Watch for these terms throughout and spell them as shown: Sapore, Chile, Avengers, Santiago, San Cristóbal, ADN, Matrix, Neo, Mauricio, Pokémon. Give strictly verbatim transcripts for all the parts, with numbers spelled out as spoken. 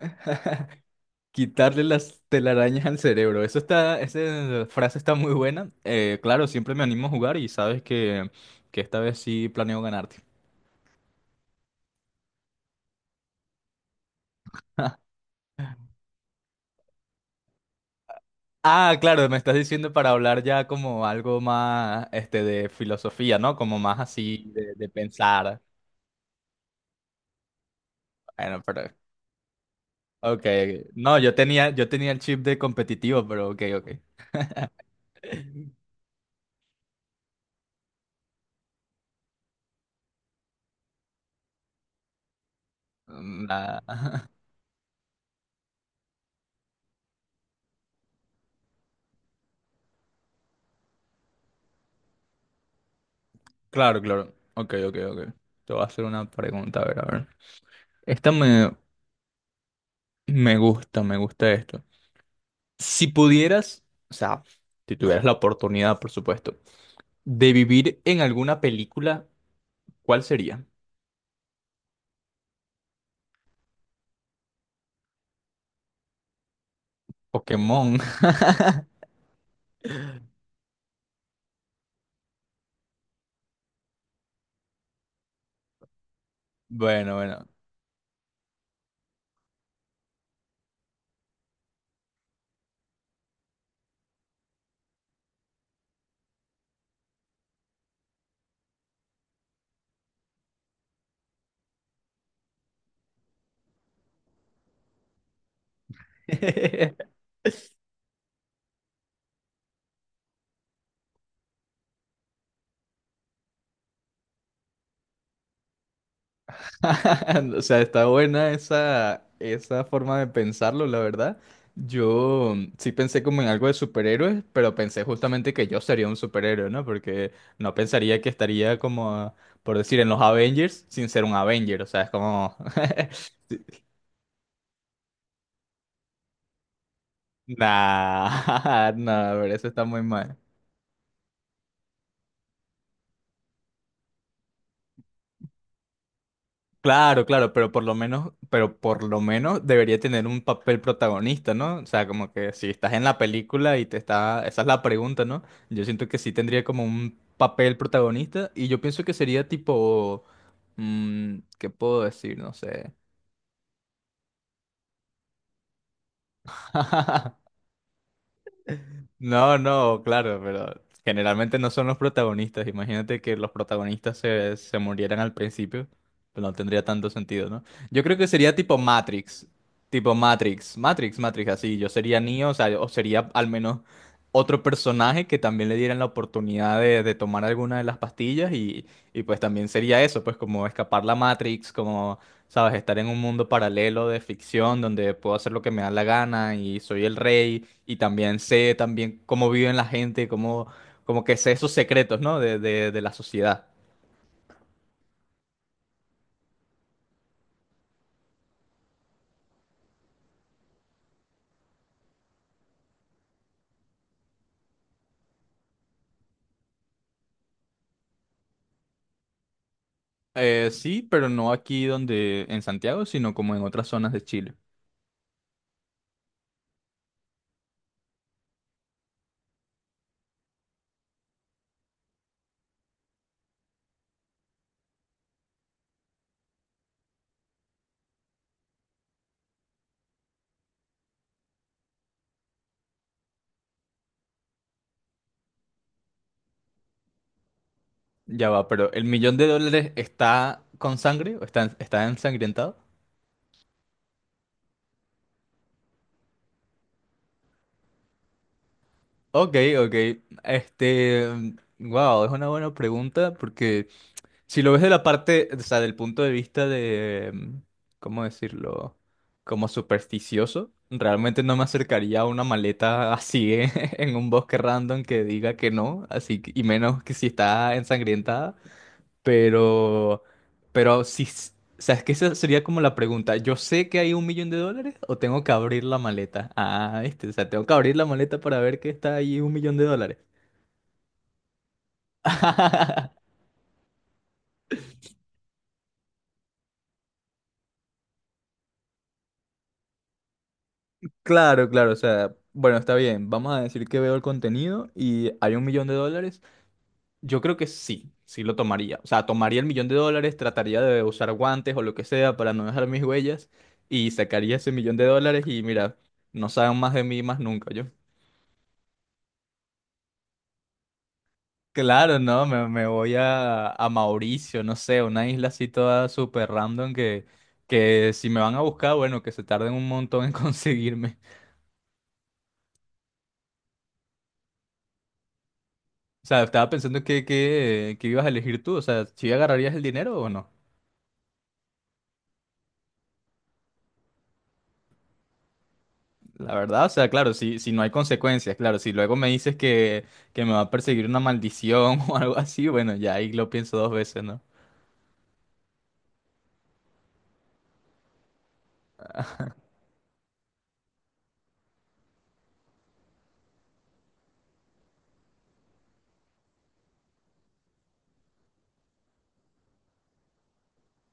Quitarle las telarañas al cerebro. Eso está, esa frase está muy buena. Eh, claro, siempre me animo a jugar y sabes que, que esta vez sí planeo ganarte. Ah, claro, me estás diciendo para hablar ya como algo más este de filosofía, ¿no? Como más así de, de pensar. Bueno, pero ok. No, yo tenía, yo tenía el chip de competitivo, pero ok, ok. Mm. Claro, claro. Ok, ok, ok. Te voy a hacer una pregunta, a ver, a ver. Esta me, Me gusta, me gusta esto. Si pudieras, o sea, si tuvieras la oportunidad, por supuesto, de vivir en alguna película, ¿cuál sería? Pokémon. Bueno, bueno. O sea, está buena esa, esa forma de pensarlo, la verdad. Yo mm, sí pensé como en algo de superhéroes, pero pensé justamente que yo sería un superhéroe, ¿no? Porque no pensaría que estaría como, por decir, en los Avengers sin ser un Avenger. O sea, es como. Nah, nah, pero eso está muy mal. Claro, claro, pero por lo menos, pero por lo menos debería tener un papel protagonista, ¿no? O sea, como que si estás en la película y te está, esa es la pregunta, ¿no? Yo siento que sí tendría como un papel protagonista y yo pienso que sería tipo, mm, ¿qué puedo decir? No sé. No, no, claro, pero generalmente no son los protagonistas. Imagínate que los protagonistas se, se murieran al principio, pues no tendría tanto sentido, ¿no? Yo creo que sería tipo Matrix, tipo Matrix, Matrix, Matrix, así. Yo sería Neo, o sea, o sería al menos otro personaje que también le dieran la oportunidad de, de tomar alguna de las pastillas y, y pues también sería eso, pues como escapar la Matrix, como, sabes, estar en un mundo paralelo de ficción donde puedo hacer lo que me da la gana y soy el rey y también sé también cómo viven la gente, cómo, como que sé esos secretos, ¿no? De, de, de la sociedad. Eh, sí, pero no aquí donde en Santiago, sino como en otras zonas de Chile. Ya va, pero ¿el millón de dólares está con sangre? ¿O ¿Está, está ensangrentado? Ok, ok. Este, wow, es una buena pregunta porque si lo ves de la parte, o sea, del punto de vista de, mm, ¿cómo decirlo? Como supersticioso, realmente no me acercaría a una maleta así en un bosque random que diga que no, así que- y menos que si está ensangrientada, pero, pero si, s- o sea, es que esa sería como la pregunta, ¿yo sé que hay un millón de dólares o tengo que abrir la maleta? Ah, este, o sea, tengo que abrir la maleta para ver que está ahí un millón de dólares. Claro, claro, o sea, bueno, está bien, vamos a decir que veo el contenido y hay un millón de dólares. Yo creo que sí, sí lo tomaría. O sea, tomaría el millón de dólares, trataría de usar guantes o lo que sea para no dejar mis huellas y sacaría ese millón de dólares y mira, no saben más de mí más nunca yo. Claro, no, me, me voy a, a Mauricio, no sé, una isla así toda súper random que, que si me van a buscar, bueno, que se tarden un montón en conseguirme. O sea, estaba pensando que, que, que ibas a elegir tú, o sea, si agarrarías el dinero o no. La verdad, o sea, claro, si, si no hay consecuencias, claro, si luego me dices que, que me va a perseguir una maldición o algo así, bueno, ya ahí lo pienso dos veces, ¿no?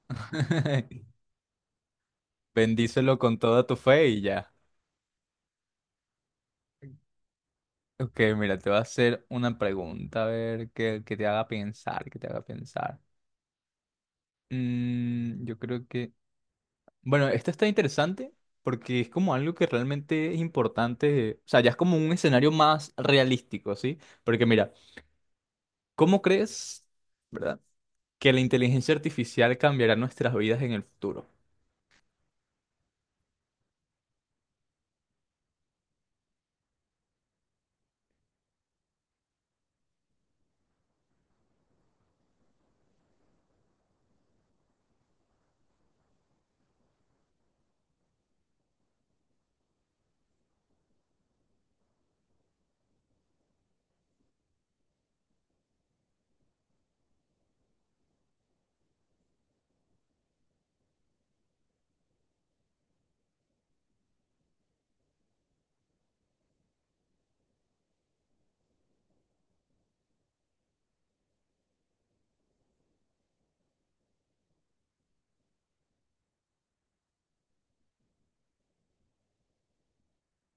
Bendícelo con toda tu fe y ya. Ok, mira, te voy a hacer una pregunta, a ver, que, que te haga pensar, que te haga pensar. Mm, yo creo que Bueno, esto está interesante porque es como algo que realmente es importante, o sea, ya es como un escenario más realístico, ¿sí? Porque mira, ¿cómo crees, verdad, que la inteligencia artificial cambiará nuestras vidas en el futuro?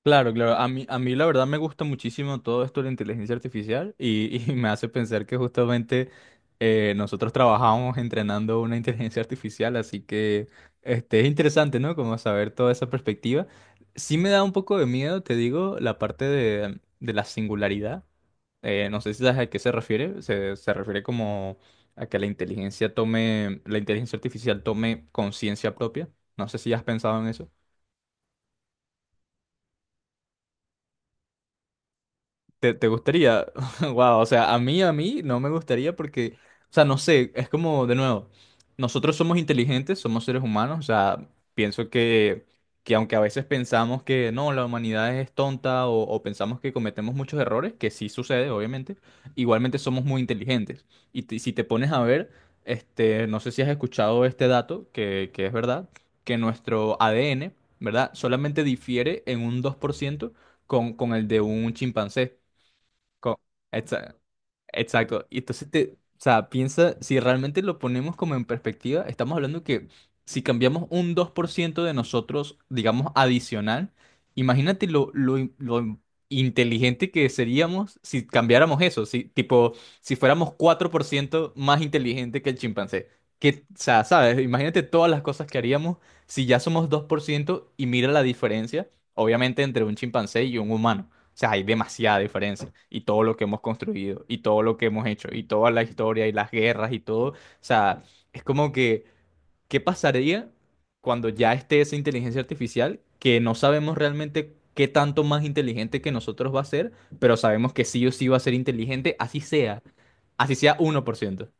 Claro, claro. A mí, a mí la verdad me gusta muchísimo todo esto de la inteligencia artificial y, y me hace pensar que justamente eh, nosotros trabajamos entrenando una inteligencia artificial, así que este, es interesante, ¿no? Como saber toda esa perspectiva. Sí me da un poco de miedo, te digo, la parte de, de la singularidad. Eh, no sé si sabes a qué se refiere. Se, se refiere como a que la inteligencia tome, la inteligencia artificial tome conciencia propia. No sé si has pensado en eso. ¿Te, te gustaría? Wow, o sea, a mí, a mí no me gustaría porque, o sea, no sé, es como, de nuevo, nosotros somos inteligentes, somos seres humanos, o sea, pienso que, que aunque a veces pensamos que no, la humanidad es tonta o, o pensamos que cometemos muchos errores, que sí sucede, obviamente, igualmente somos muy inteligentes. Y te- si te pones a ver, este, no sé si has escuchado este dato, que, que es verdad, que nuestro A D N, ¿verdad? Solamente difiere en un dos por ciento con, con el de un chimpancé. Co- exa- Exacto. Y entonces te, o sea, piensa, si realmente lo ponemos como en perspectiva, estamos hablando que si cambiamos un dos por ciento de nosotros, digamos, adicional, imagínate lo, lo, in- lo inteligente que seríamos si cambiáramos eso, si, tipo, si fuéramos cuatro por ciento más inteligente que el chimpancé. Que, o sea, ¿sabes? Imagínate todas las cosas que haríamos si ya somos dos por ciento y mira la diferencia, obviamente, entre un chimpancé y un humano. O sea, hay demasiada diferencia y todo lo que hemos construido y todo lo que hemos hecho y toda la historia y las guerras y todo. O sea, es como que, ¿qué pasaría cuando ya esté esa inteligencia artificial que no sabemos realmente qué tanto más inteligente que nosotros va a ser, pero sabemos que sí o sí va a ser inteligente, así sea, así sea uno por ciento.